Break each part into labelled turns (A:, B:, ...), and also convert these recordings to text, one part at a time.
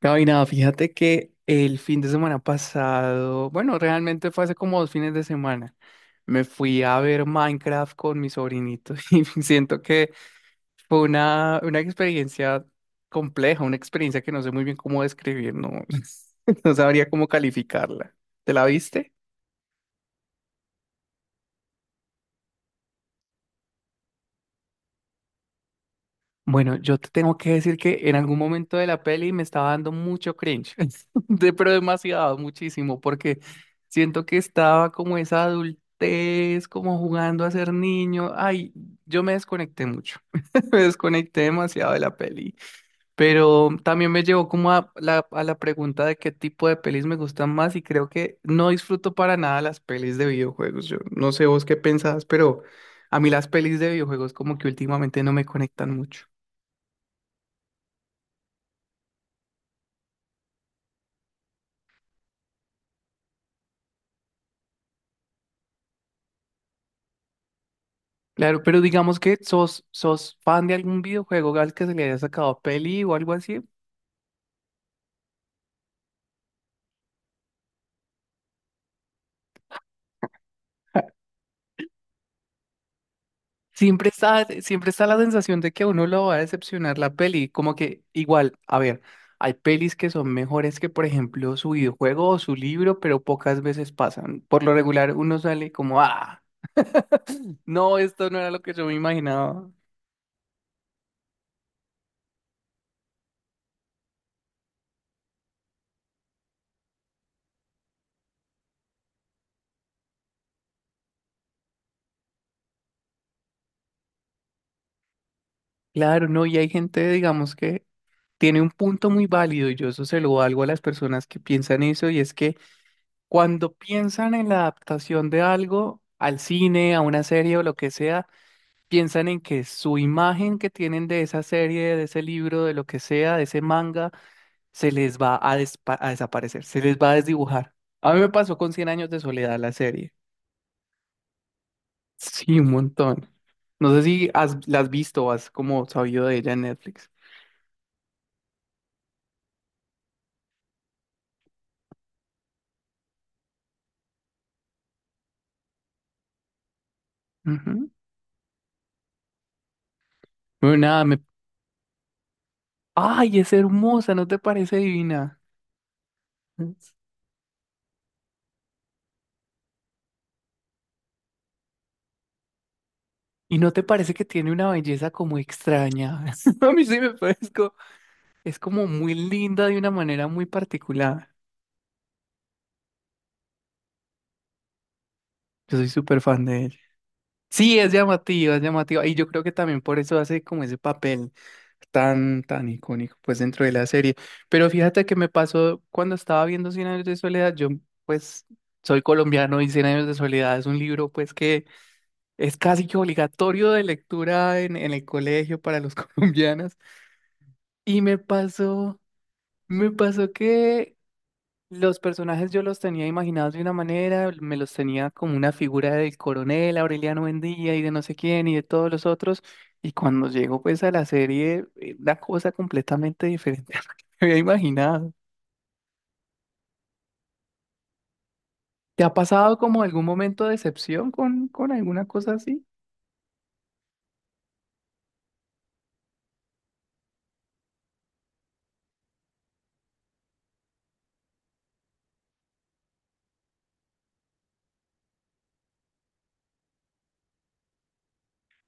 A: Gaby, nada, fíjate que el fin de semana pasado, bueno, realmente fue hace como 2 fines de semana, me fui a ver Minecraft con mi sobrinito y siento que fue una experiencia compleja, una experiencia que no sé muy bien cómo describir, no, no sabría cómo calificarla. ¿Te la viste? Bueno, yo te tengo que decir que en algún momento de la peli me estaba dando mucho cringe, pero demasiado, muchísimo, porque siento que estaba como esa adultez, como jugando a ser niño. Ay, yo me desconecté mucho, me desconecté demasiado de la peli, pero también me llevó como a la pregunta de qué tipo de pelis me gustan más y creo que no disfruto para nada las pelis de videojuegos. Yo no sé vos qué pensás, pero a mí las pelis de videojuegos como que últimamente no me conectan mucho. Claro, pero digamos que sos fan de algún videojuego al que se le haya sacado peli o algo así. Siempre está la sensación de que a uno lo va a decepcionar la peli, como que igual, a ver, hay pelis que son mejores que, por ejemplo, su videojuego o su libro, pero pocas veces pasan. Por lo regular uno sale como, ah, no, esto no era lo que yo me imaginaba. Claro, no, y hay gente, digamos, que tiene un punto muy válido y yo eso se lo valgo a las personas que piensan eso y es que cuando piensan en la adaptación de algo al cine, a una serie o lo que sea, piensan en que su imagen que tienen de esa serie, de ese libro, de lo que sea, de ese manga, se les va a, a desaparecer, se les va a desdibujar. A mí me pasó con Cien años de soledad la serie. Sí, un montón. No sé si la has visto o has como sabido de ella en Netflix. Ujú. Bueno, nada, me... ¡Ay, es hermosa! ¿No te parece divina? ¿Y no te parece que tiene una belleza como extraña? A mí sí me parece co- Es como muy linda de una manera muy particular. Yo soy súper fan de ella. Sí, es llamativa, es llamativa. Y yo creo que también por eso hace como ese papel tan, tan icónico, pues dentro de la serie. Pero fíjate que me pasó cuando estaba viendo Cien años de soledad. Yo, pues, soy colombiano y Cien años de soledad es un libro, pues, que es casi que obligatorio de lectura en el colegio para los colombianos. Y me pasó. Me pasó que los personajes yo los tenía imaginados de una manera, me los tenía como una figura del coronel Aureliano Buendía y de no sé quién y de todos los otros, y cuando llego pues a la serie, una cosa completamente diferente a lo que me había imaginado. ¿Te ha pasado como algún momento de decepción con alguna cosa así?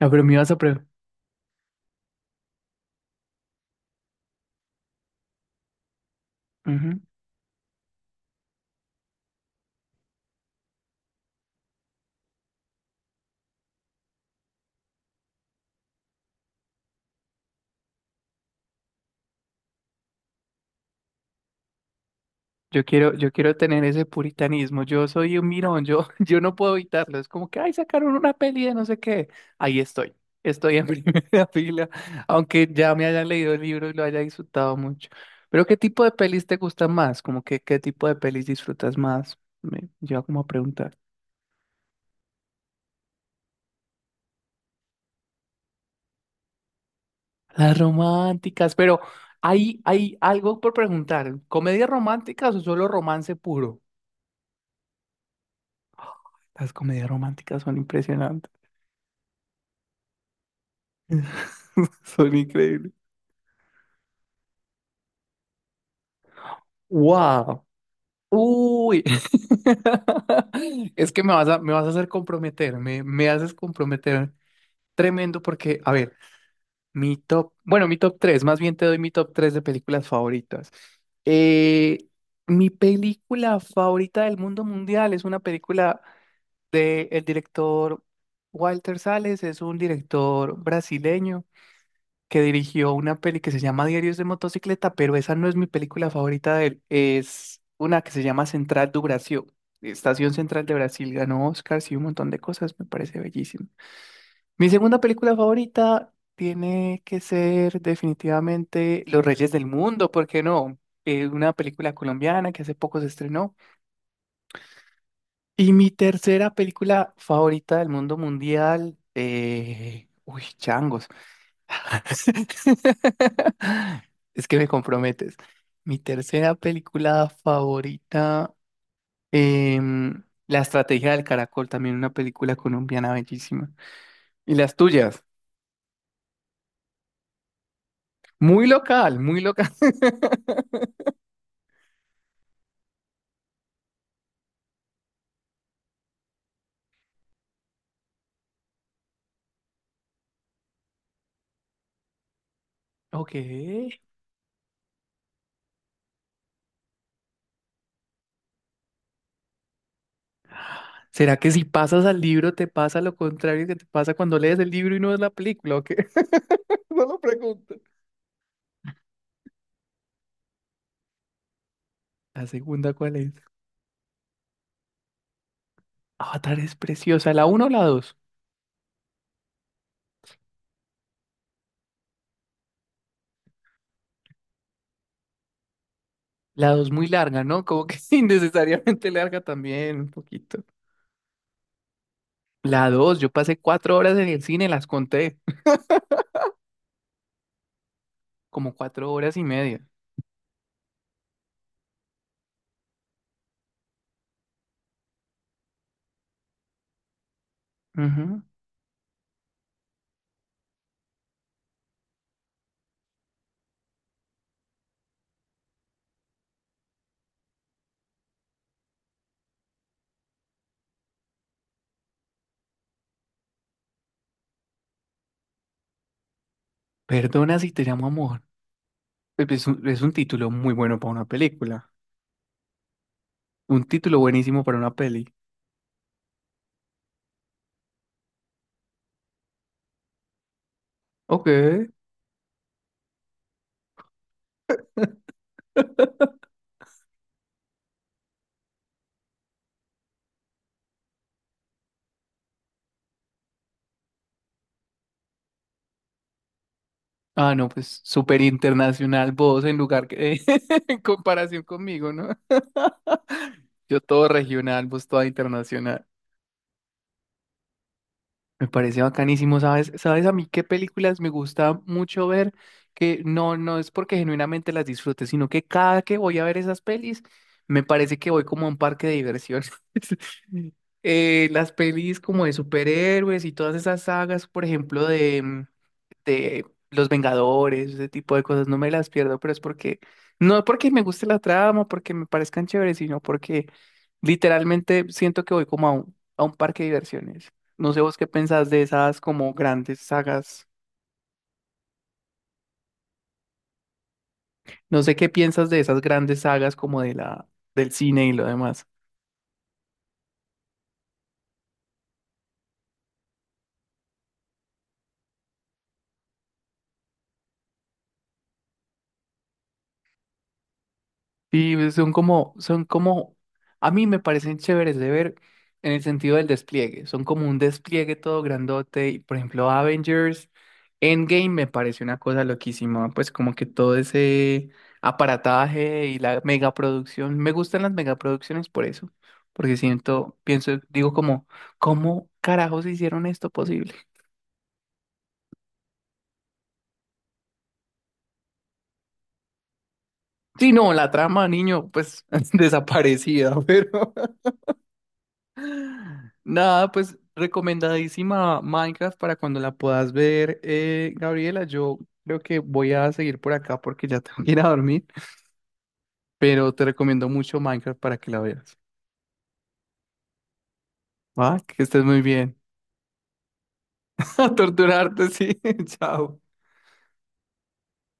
A: No, pero me ibas a preguntar. Yo quiero tener ese puritanismo. Yo soy un mirón, yo, yo no puedo evitarlo. Es como que, ay, sacaron una peli de no sé qué. Ahí estoy. Estoy en primera fila, aunque ya me haya leído el libro y lo haya disfrutado mucho. Pero, ¿qué tipo de pelis te gustan más? Como que, ¿qué tipo de pelis disfrutas más? Me lleva como a preguntar. Las románticas, pero hay algo por preguntar. ¿Comedias románticas o solo romance puro? Las comedias románticas son impresionantes. Son increíbles. Wow. Uy. Es que me vas a hacer comprometer, me haces comprometer tremendo porque, a ver, mi top, bueno, mi top 3, más bien te doy mi top 3 de películas favoritas. Eh, mi película favorita del mundo mundial es una película de el director Walter Salles, es un director brasileño que dirigió una peli que se llama Diarios de Motocicleta, pero esa no es mi película favorita de él. Es una que se llama Central do Brasil. Estación Central de Brasil ganó Oscars y un montón de cosas, me parece bellísimo. Mi segunda película favorita tiene que ser definitivamente Los Reyes del Mundo, ¿por qué no? Una película colombiana que hace poco se estrenó. Y mi tercera película favorita del mundo mundial, uy, changos. Es que me comprometes. Mi tercera película favorita, La estrategia del caracol, también una película colombiana bellísima. Y las tuyas, muy local, muy local. Ok. ¿Será que si pasas al libro te pasa lo contrario que te pasa cuando lees el libro y no ves la película? ¿O qué? No lo pregunto. ¿La segunda cuál es? Avatar es preciosa. ¿La uno o la dos? La dos muy larga, ¿no? Como que innecesariamente larga también, un poquito. La dos, yo pasé 4 horas en el cine, las conté, como 4 horas y media. Ujú. Perdona si te llamo amor. Es un título muy bueno para una película. Un título buenísimo para una peli. Ok. Ah, no, pues súper internacional vos en lugar que en comparación conmigo, ¿no? Yo todo regional, vos toda internacional. Me parece bacanísimo, ¿sabes? ¿Sabes a mí qué películas me gusta mucho ver? Que no, no es porque genuinamente las disfrute, sino que cada que voy a ver esas pelis, me parece que voy como a un parque de diversiones. Las pelis como de superhéroes y todas esas sagas, por ejemplo, de Los Vengadores, ese tipo de cosas, no me las pierdo, pero es porque, no porque me guste la trama, porque me parezcan chéveres, sino porque literalmente siento que voy como a un parque de diversiones. No sé vos qué pensás de esas como grandes sagas, no sé qué piensas de esas grandes sagas como de la, del cine y lo demás. Sí, pues, son como, a mí me parecen chéveres de ver en el sentido del despliegue. Son como un despliegue todo grandote. Y, por ejemplo, Avengers Endgame me parece una cosa loquísima. Pues como que todo ese aparataje y la megaproducción. Me gustan las megaproducciones por eso. Porque siento, pienso, digo como, ¿cómo carajos hicieron esto posible? Sí, no, la trama, niño, pues desaparecida, pero... Nada, pues recomendadísima Minecraft para cuando la puedas ver, Gabriela. Yo creo que voy a seguir por acá porque ya tengo que ir a dormir, pero te recomiendo mucho Minecraft para que la veas. ¿Va? Que estés muy bien. A torturarte, sí. Chao.